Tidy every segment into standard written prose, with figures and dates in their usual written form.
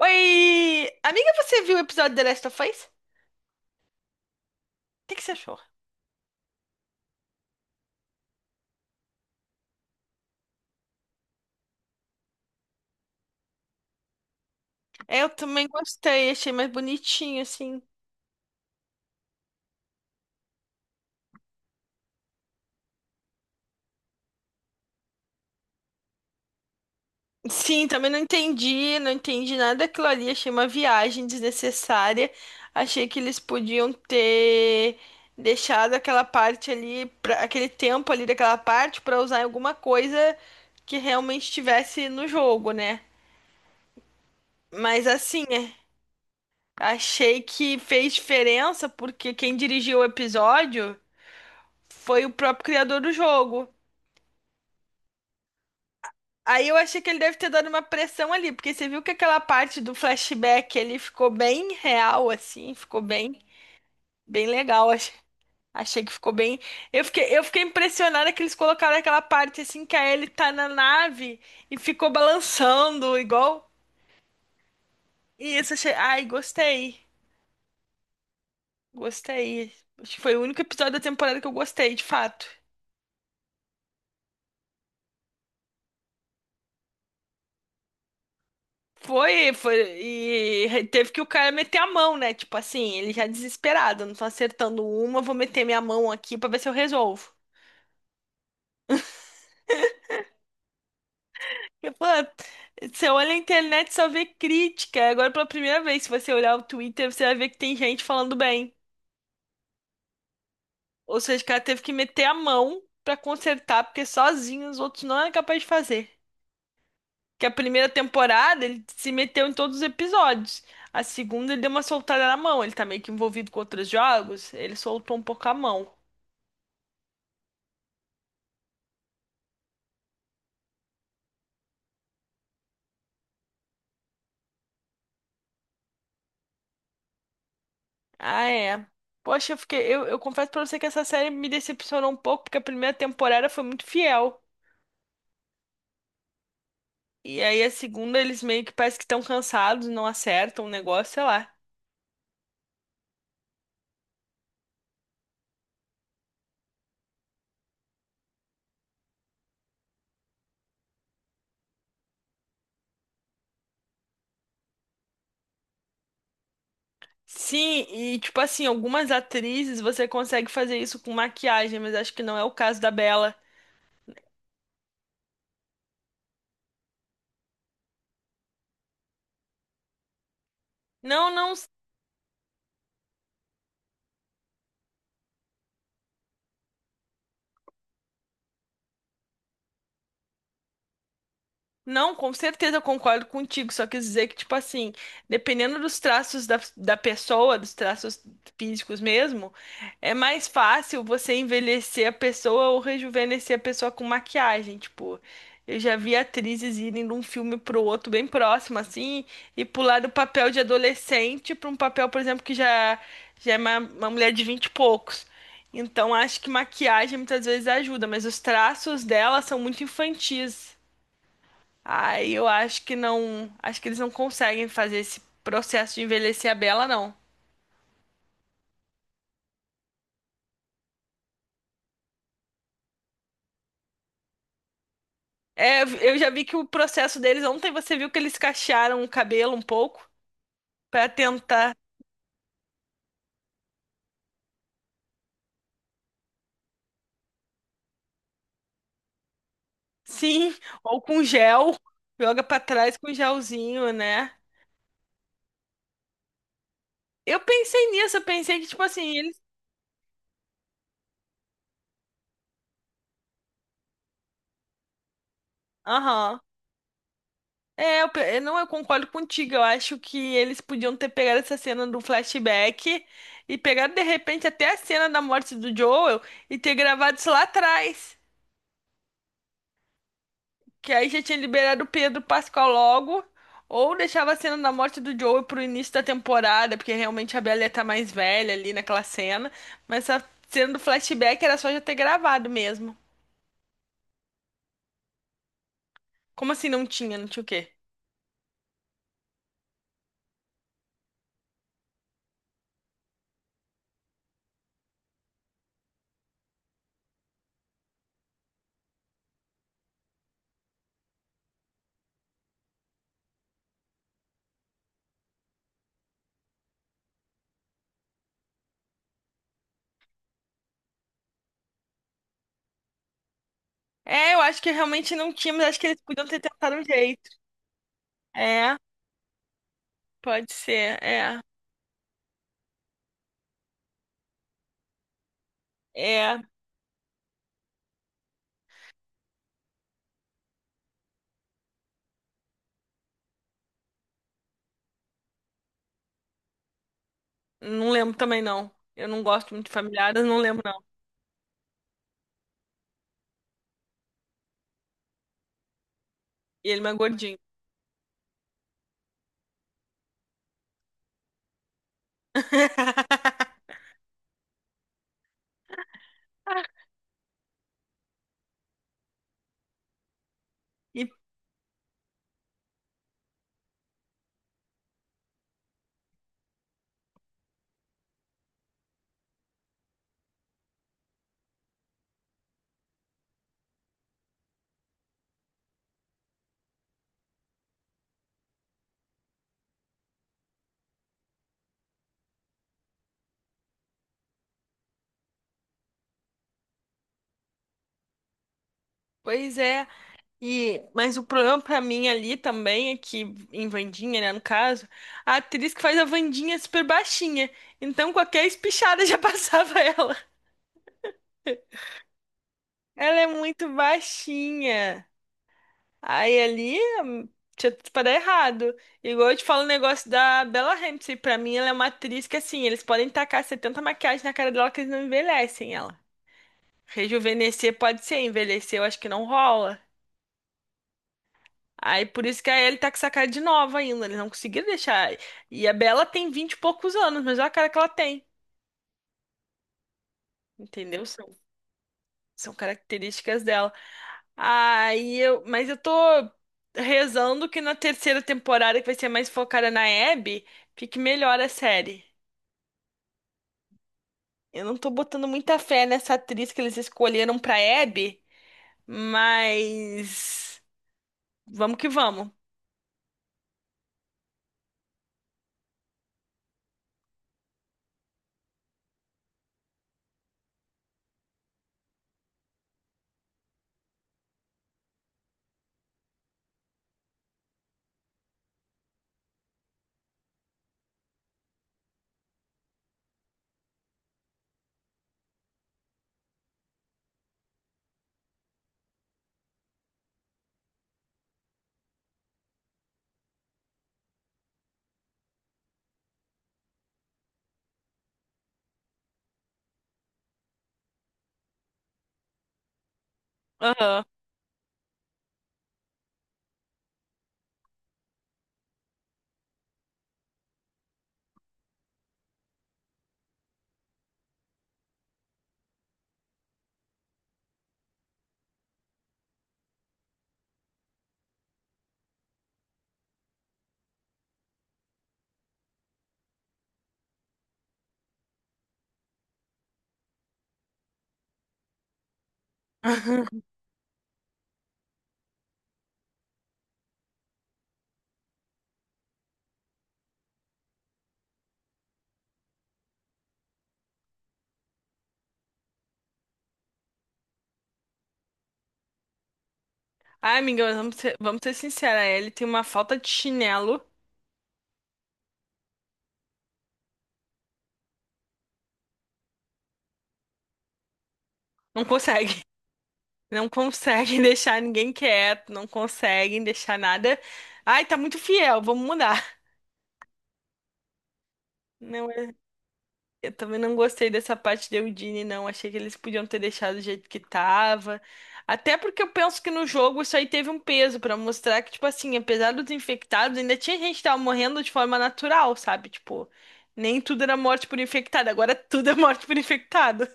Oi! Amiga, você viu o episódio The Last of Us? O que que você achou? É, eu também gostei, achei mais bonitinho, assim. Sim, também não entendi, não entendi nada daquilo ali, achei uma viagem desnecessária. Achei que eles podiam ter deixado aquela parte ali, aquele tempo ali daquela parte pra usar em alguma coisa que realmente estivesse no jogo, né? Mas assim, é, achei que fez diferença porque quem dirigiu o episódio foi o próprio criador do jogo. Aí eu achei que ele deve ter dado uma pressão ali, porque você viu que aquela parte do flashback ele ficou bem real, assim, ficou bem, bem legal. Achei que ficou bem. Eu fiquei impressionada que eles colocaram aquela parte assim que a Ellie tá na nave e ficou balançando, igual. E isso achei. Ai, gostei. Gostei. Acho que foi o único episódio da temporada que eu gostei, de fato. Foi, foi, e teve que o cara meter a mão, né? Tipo assim, ele já desesperado, não tô acertando uma, vou meter minha mão aqui pra ver se eu resolvo. Eu falo, "Ah, você olha a internet e só vê crítica. Agora, pela primeira vez, se você olhar o Twitter, você vai ver que tem gente falando bem. Ou seja, o cara teve que meter a mão pra consertar, porque sozinho os outros não eram capazes de fazer. Que a primeira temporada ele se meteu em todos os episódios. A segunda ele deu uma soltada na mão. Ele tá meio que envolvido com outros jogos, ele soltou um pouco a mão. Ah, é. Poxa, eu fiquei. Eu confesso pra você que essa série me decepcionou um pouco, porque a primeira temporada foi muito fiel. E aí a segunda, eles meio que parece que estão cansados, não acertam o negócio, sei lá. Sim, e tipo assim, algumas atrizes você consegue fazer isso com maquiagem, mas acho que não é o caso da Bella. Não, não. Não, com certeza eu concordo contigo. Só quis dizer que, tipo assim, dependendo dos traços da pessoa, dos traços físicos mesmo, é mais fácil você envelhecer a pessoa ou rejuvenescer a pessoa com maquiagem. Tipo, eu já vi atrizes irem de um filme pro outro bem próximo, assim, e pular do papel de adolescente pra um papel, por exemplo, que já, já é uma mulher de 20 e poucos. Então, acho que maquiagem muitas vezes ajuda, mas os traços dela são muito infantis. Aí eu acho que não. Acho que eles não conseguem fazer esse processo de envelhecer a Bela, não. É, eu já vi que o processo deles ontem você viu que eles cachearam o cabelo um pouco pra tentar, sim, ou com gel, joga pra trás com gelzinho, né? Eu pensei nisso, eu pensei que tipo assim, eles, aham. É, eu, eu não, eu concordo contigo. Eu acho que eles podiam ter pegado essa cena do flashback e pegado de repente até a cena da morte do Joel e ter gravado isso lá atrás. Que aí já tinha liberado o Pedro Pascal logo, ou deixava a cena da morte do Joey pro início da temporada, porque realmente a Bella ia tá mais velha ali naquela cena. Mas a cena do flashback era só já ter gravado mesmo. Como assim não tinha? Não tinha o quê? É, eu acho que realmente não tinha, mas acho que eles podiam ter tentado um jeito. É, pode ser, é. É, não lembro também não. Eu não gosto muito de familiares, não lembro não. E ele mais gordinho. E, pois é. E, mas o problema pra mim ali também é que, em Wandinha, né, no caso, a atriz que faz a Wandinha é super baixinha. Então qualquer espichada já passava ela. Ela é muito baixinha. Aí ali tinha tudo pra dar errado. Igual eu te falo o negócio da Bella Ramsey. Pra mim, ela é uma atriz que, assim, eles podem tacar 70 maquiagens na cara dela que eles não envelhecem ela. Rejuvenescer pode ser, envelhecer eu acho que não rola. Aí por isso que a Ellie tá com essa cara de nova ainda. Eles não conseguiram deixar. E a Bella tem 20 e poucos anos, mas olha a cara que ela tem. Entendeu? São características dela. Aí eu, mas eu tô rezando que na terceira temporada, que vai ser mais focada na Abby, fique melhor a série. Eu não tô botando muita fé nessa atriz que eles escolheram pra Abby, mas vamos que vamos. Aham. Ai, amiga, mas vamos ser sinceros, a Ellie tem uma falta de chinelo. Não consegue. Não conseguem deixar ninguém quieto, não conseguem deixar nada. Ai, tá muito fiel, vamos mudar. Não, eu também não gostei dessa parte de Eudine, não. Achei que eles podiam ter deixado do jeito que tava. Até porque eu penso que no jogo isso aí teve um peso pra mostrar que, tipo assim, apesar dos infectados, ainda tinha gente que tava morrendo de forma natural, sabe? Tipo, nem tudo era morte por infectado, agora tudo é morte por infectado.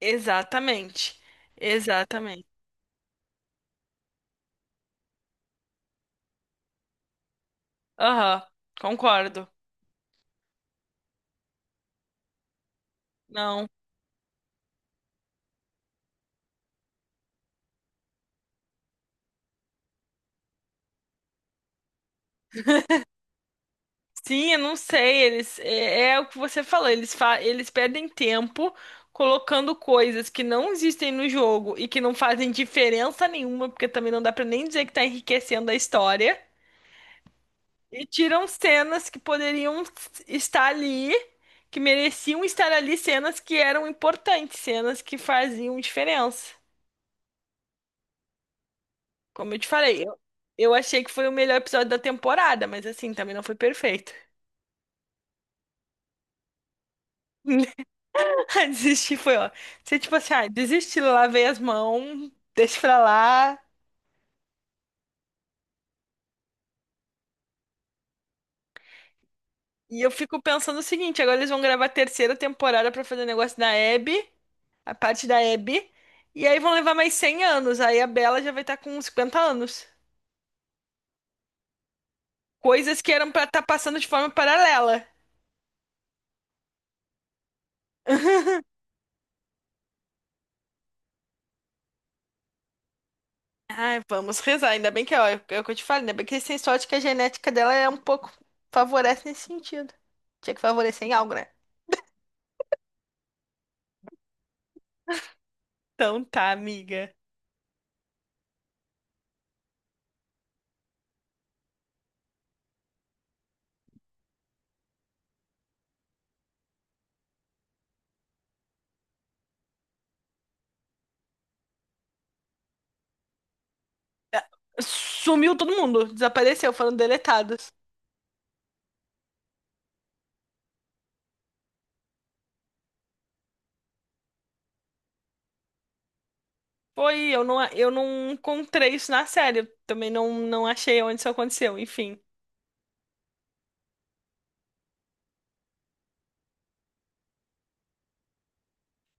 Exatamente. Exatamente. Aham, concordo. Não. Sim, eu não sei, eles é, é o que você falou, eles fa eles perdem tempo colocando coisas que não existem no jogo e que não fazem diferença nenhuma, porque também não dá pra nem dizer que tá enriquecendo a história, e tiram cenas que poderiam estar ali, que mereciam estar ali, cenas que eram importantes, cenas que faziam diferença. Como eu te falei, eu achei que foi o melhor episódio da temporada, mas assim, também não foi perfeito. Desistir foi, ó. Você, tipo assim, ah, desisti, lavei as mãos, deixa pra lá. E eu fico pensando o seguinte: agora eles vão gravar a terceira temporada pra fazer o negócio da Abby, a parte da Abby. E aí vão levar mais 100 anos. Aí a Bella já vai estar com 50 anos. Coisas que eram pra estar passando de forma paralela. Ai, vamos rezar. Ainda bem que, ó, é o que eu te falo, ainda bem que eles têm sorte que a genética dela é um pouco favorece nesse sentido. Tinha que favorecer em algo, né? Então tá, amiga. Sumiu todo mundo, desapareceu, foram deletados. Foi, eu não encontrei isso na série. Eu também não, não achei onde isso aconteceu, enfim.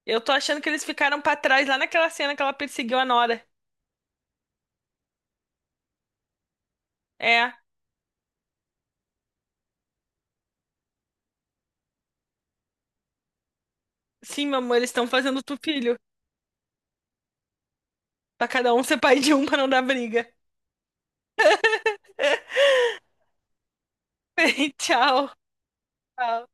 Eu tô achando que eles ficaram pra trás lá naquela cena que ela perseguiu a Nora. É, sim, meu amor, eles estão fazendo tu filho. Pra cada um ser pai de um pra não dar briga. Tchau. Tchau.